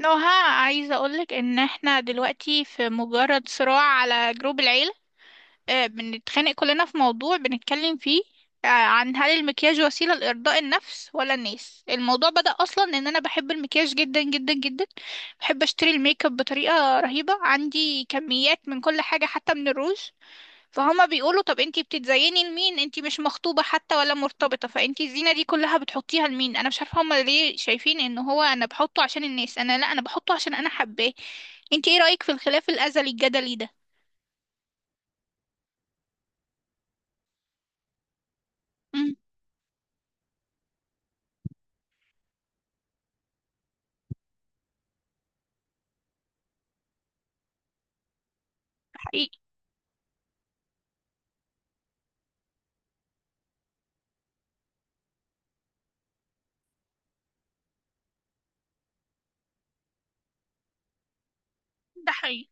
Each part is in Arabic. نوها، عايزة اقولك ان احنا دلوقتي في مجرد صراع على جروب العيلة. بنتخانق كلنا في موضوع بنتكلم فيه. عن هل المكياج وسيلة لإرضاء النفس ولا الناس؟ الموضوع بدأ أصلا إن أنا بحب المكياج جدا جدا جدا. بحب أشتري الميك اب بطريقة رهيبة، عندي كميات من كل حاجة حتى من الروج. فهما بيقولوا طب انتي بتتزيني لمين؟ انتي مش مخطوبة حتى ولا مرتبطة، فانتي الزينة دي كلها بتحطيها لمين؟ انا مش عارفة هما ليه شايفين ان هو انا بحطه عشان الناس. انا لا، انا بحطه عشان انا حباه. انتي ايه رأيك في الخلاف الازلي الجدلي ده؟ امم حقيقي. ده حقيقي.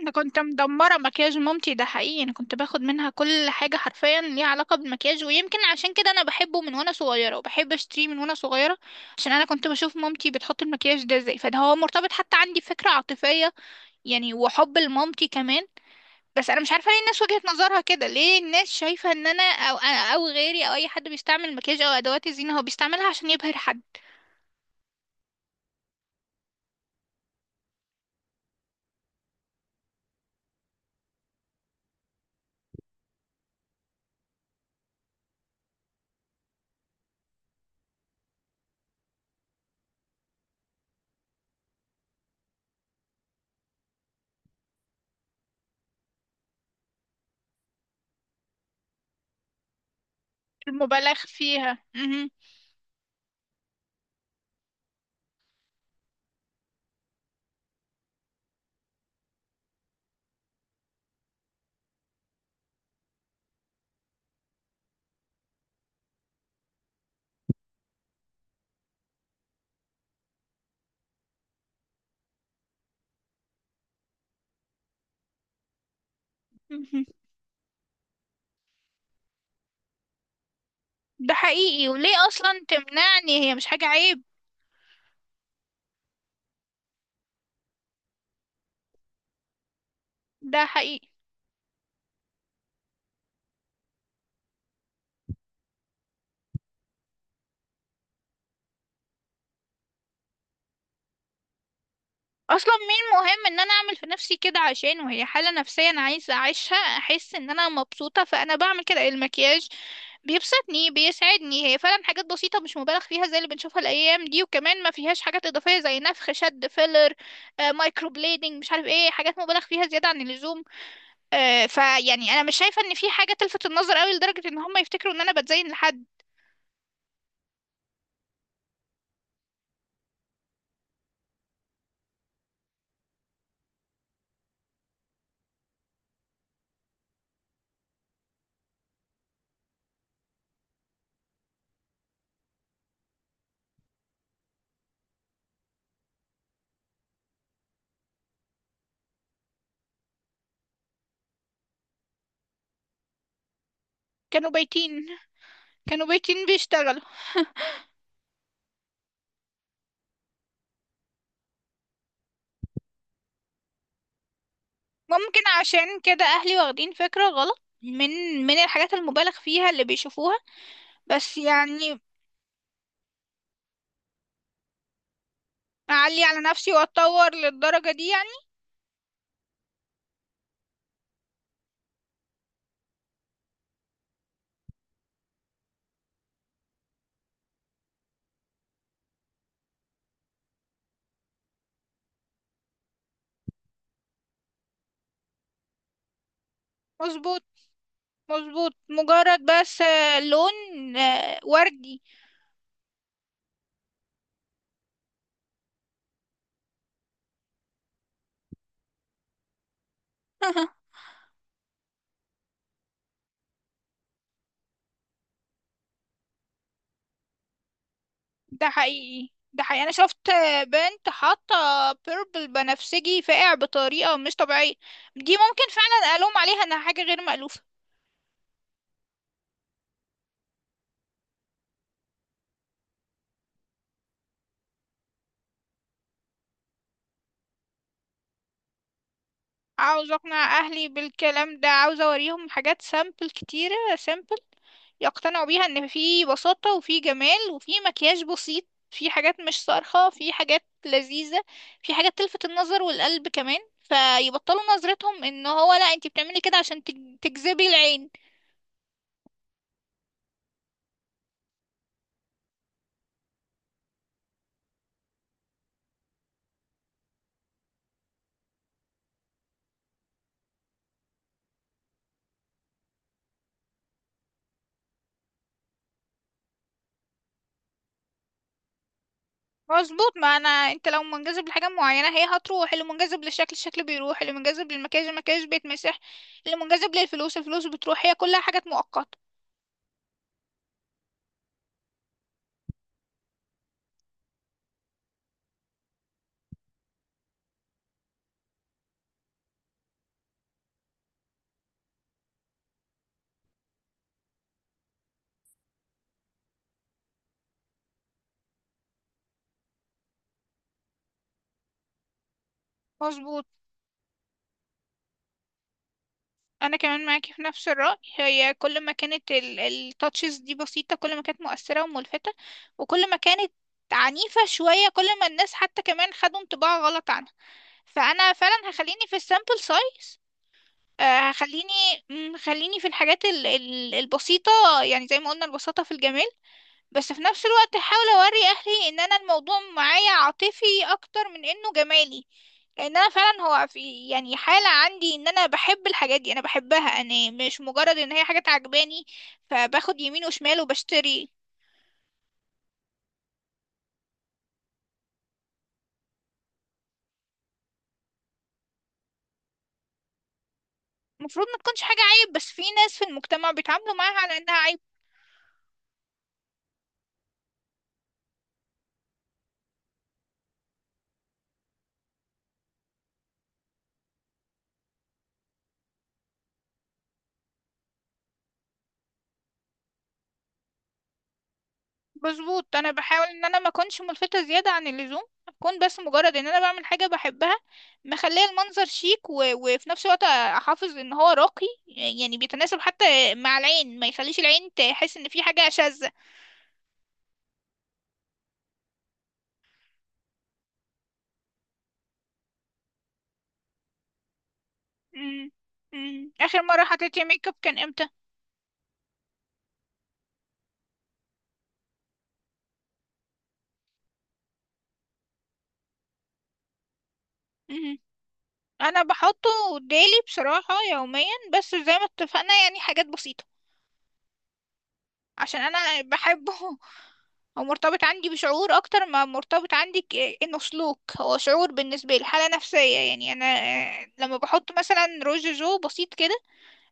انا كنت مدمرة مكياج مامتي، ده حقيقي. انا كنت باخد منها كل حاجة حرفيا ليها علاقة بالمكياج، ويمكن عشان كده انا بحبه من وانا صغيرة وبحب اشتريه من وانا صغيرة. عشان انا كنت بشوف مامتي بتحط المكياج ده ازاي، فده هو مرتبط حتى عندي فكرة عاطفية، يعني وحب لمامتي كمان. بس انا مش عارفه ليه الناس وجهة نظرها كده، ليه الناس شايفه ان انا او غيري او اي حد بيستعمل مكياج او ادوات الزينه هو بيستعملها عشان يبهر حد. المبالغ فيها مهم. مهم. ده حقيقي، وليه اصلا تمنعني؟ هي مش حاجه عيب. ده حقيقي. اصلا مين مهم ان انا اعمل في نفسي كده، عشان وهي حاله نفسيه انا عايزه اعيشها، احس ان انا مبسوطه فانا بعمل كده. المكياج بيبسطني بيسعدني، هي فعلا حاجات بسيطة مش مبالغ فيها زي اللي بنشوفها الأيام دي، وكمان ما فيهاش حاجات إضافية زي نفخ شد فيلر، مايكرو بليدنج، مش عارف ايه، حاجات مبالغ فيها زيادة عن اللزوم. فيعني أنا مش شايفة إن في حاجة تلفت النظر أوي لدرجة إن هم يفتكروا إن أنا بتزين لحد. كانوا بايتين كانوا بايتين بيشتغلوا. ممكن عشان كده أهلي واخدين فكرة غلط من الحاجات المبالغ فيها اللي بيشوفوها، بس يعني أعلي على نفسي وأتطور للدرجة دي يعني. مظبوط. مظبوط مجرد بس لون وردي. ده حقيقي. ده حقيقي، انا شفت بنت حاطه بيربل بنفسجي فاقع بطريقه مش طبيعيه. دي ممكن فعلا الوم عليها انها حاجه غير مألوفه. عاوز اقنع اهلي بالكلام ده، عاوز اوريهم حاجات سامبل، كتيرة سامبل يقتنعوا بيها ان في بساطة وفي جمال وفي مكياج بسيط، في حاجات مش صارخة، في حاجات لذيذة، في حاجات تلفت النظر والقلب كمان، فيبطلوا نظرتهم ان هو لا انت بتعملي كده عشان تجذبي العين. مظبوط، ما انا انت لو منجذب لحاجة معينة هي هتروح. اللي منجذب للشكل، الشكل بيروح. اللي منجذب للمكياج، المكياج بيتمسح. اللي منجذب للفلوس، الفلوس بتروح. هي كلها حاجات مؤقتة. مظبوط. انا كمان معاكي في نفس الرأي، هي كل ما كانت التاتشز دي بسيطة كل ما كانت مؤثرة وملفتة، وكل ما كانت عنيفة شوية كل ما الناس حتى كمان خدوا انطباع غلط عنها. فانا فعلا هخليني في السامبل سايز، هخليني خليني في الحاجات البسيطة. يعني زي ما قلنا، البساطة في الجمال. بس في نفس الوقت هحاول اوري اهلي ان انا الموضوع معايا عاطفي اكتر من انه جمالي، ان انا فعلا هو في يعني حالة عندي ان انا بحب الحاجات دي، انا بحبها، انا مش مجرد ان هي حاجة عجباني فباخد يمين وشمال وبشتري. المفروض ما تكونش حاجة عيب، بس في ناس في المجتمع بيتعاملوا معاها على انها عيب. مظبوط، انا بحاول ان انا ما اكونش ملفتة زيادة عن اللزوم، اكون بس مجرد ان انا بعمل حاجة بحبها، مخليه المنظر شيك وفي نفس الوقت احافظ ان هو راقي، يعني بيتناسب حتى مع العين، ما يخليش العين تحس ان في حاجة شاذة. مم. مم. اخر مرة حطيتي ميك اب كان امتى؟ مهم. انا بحطه ديلي بصراحة يوميا، بس زي ما اتفقنا يعني حاجات بسيطة، عشان انا بحبه. هو مرتبط عندي بشعور اكتر ما مرتبط عندي انه سلوك، هو شعور بالنسبة لي، حالة نفسية يعني. انا لما بحط مثلا روج جو بسيط كده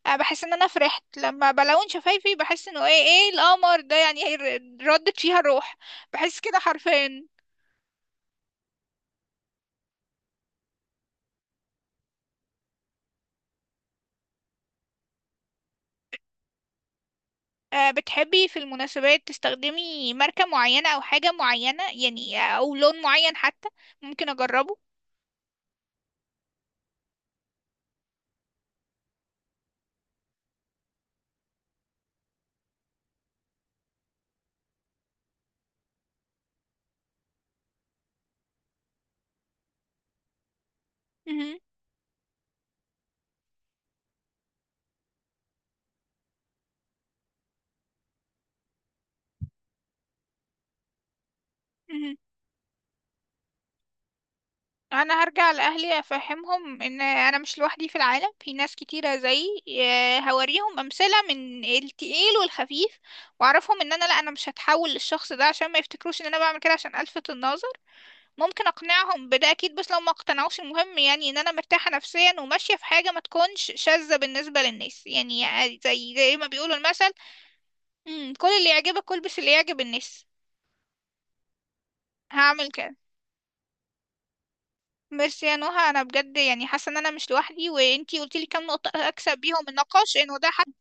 بحس ان انا فرحت، لما بلون شفايفي بحس انه ايه، ايه القمر ده يعني، إيه ردت فيها الروح. بحس كده حرفيا. بتحبي في المناسبات تستخدمي ماركة معينة أو حاجة معينة يعني، أو لون معين حتى ممكن أجربه؟ مهم. مهم. أنا هرجع لأهلي أفهمهم إن أنا مش لوحدي في العالم، في ناس كتيرة زيي. هوريهم أمثلة من التقيل والخفيف، وأعرفهم إن أنا لأ، أنا مش هتحول للشخص ده، عشان ما يفتكروش إن أنا بعمل كده عشان ألفت النظر. ممكن اقنعهم بده اكيد، بس لو ما اقتنعوش المهم يعني ان انا مرتاحة نفسيا وماشية في حاجة ما تكونش شاذة بالنسبة للناس، يعني عادي، زي ما بيقولوا المثل. كل اللي يعجبك البس اللي يعجب الناس. هعمل كده. ميرسي يا نهى، انا بجد يعني حاسة ان انا مش لوحدي، وانتي قلتيلي كام نقطة اكسب بيهم النقاش انه ده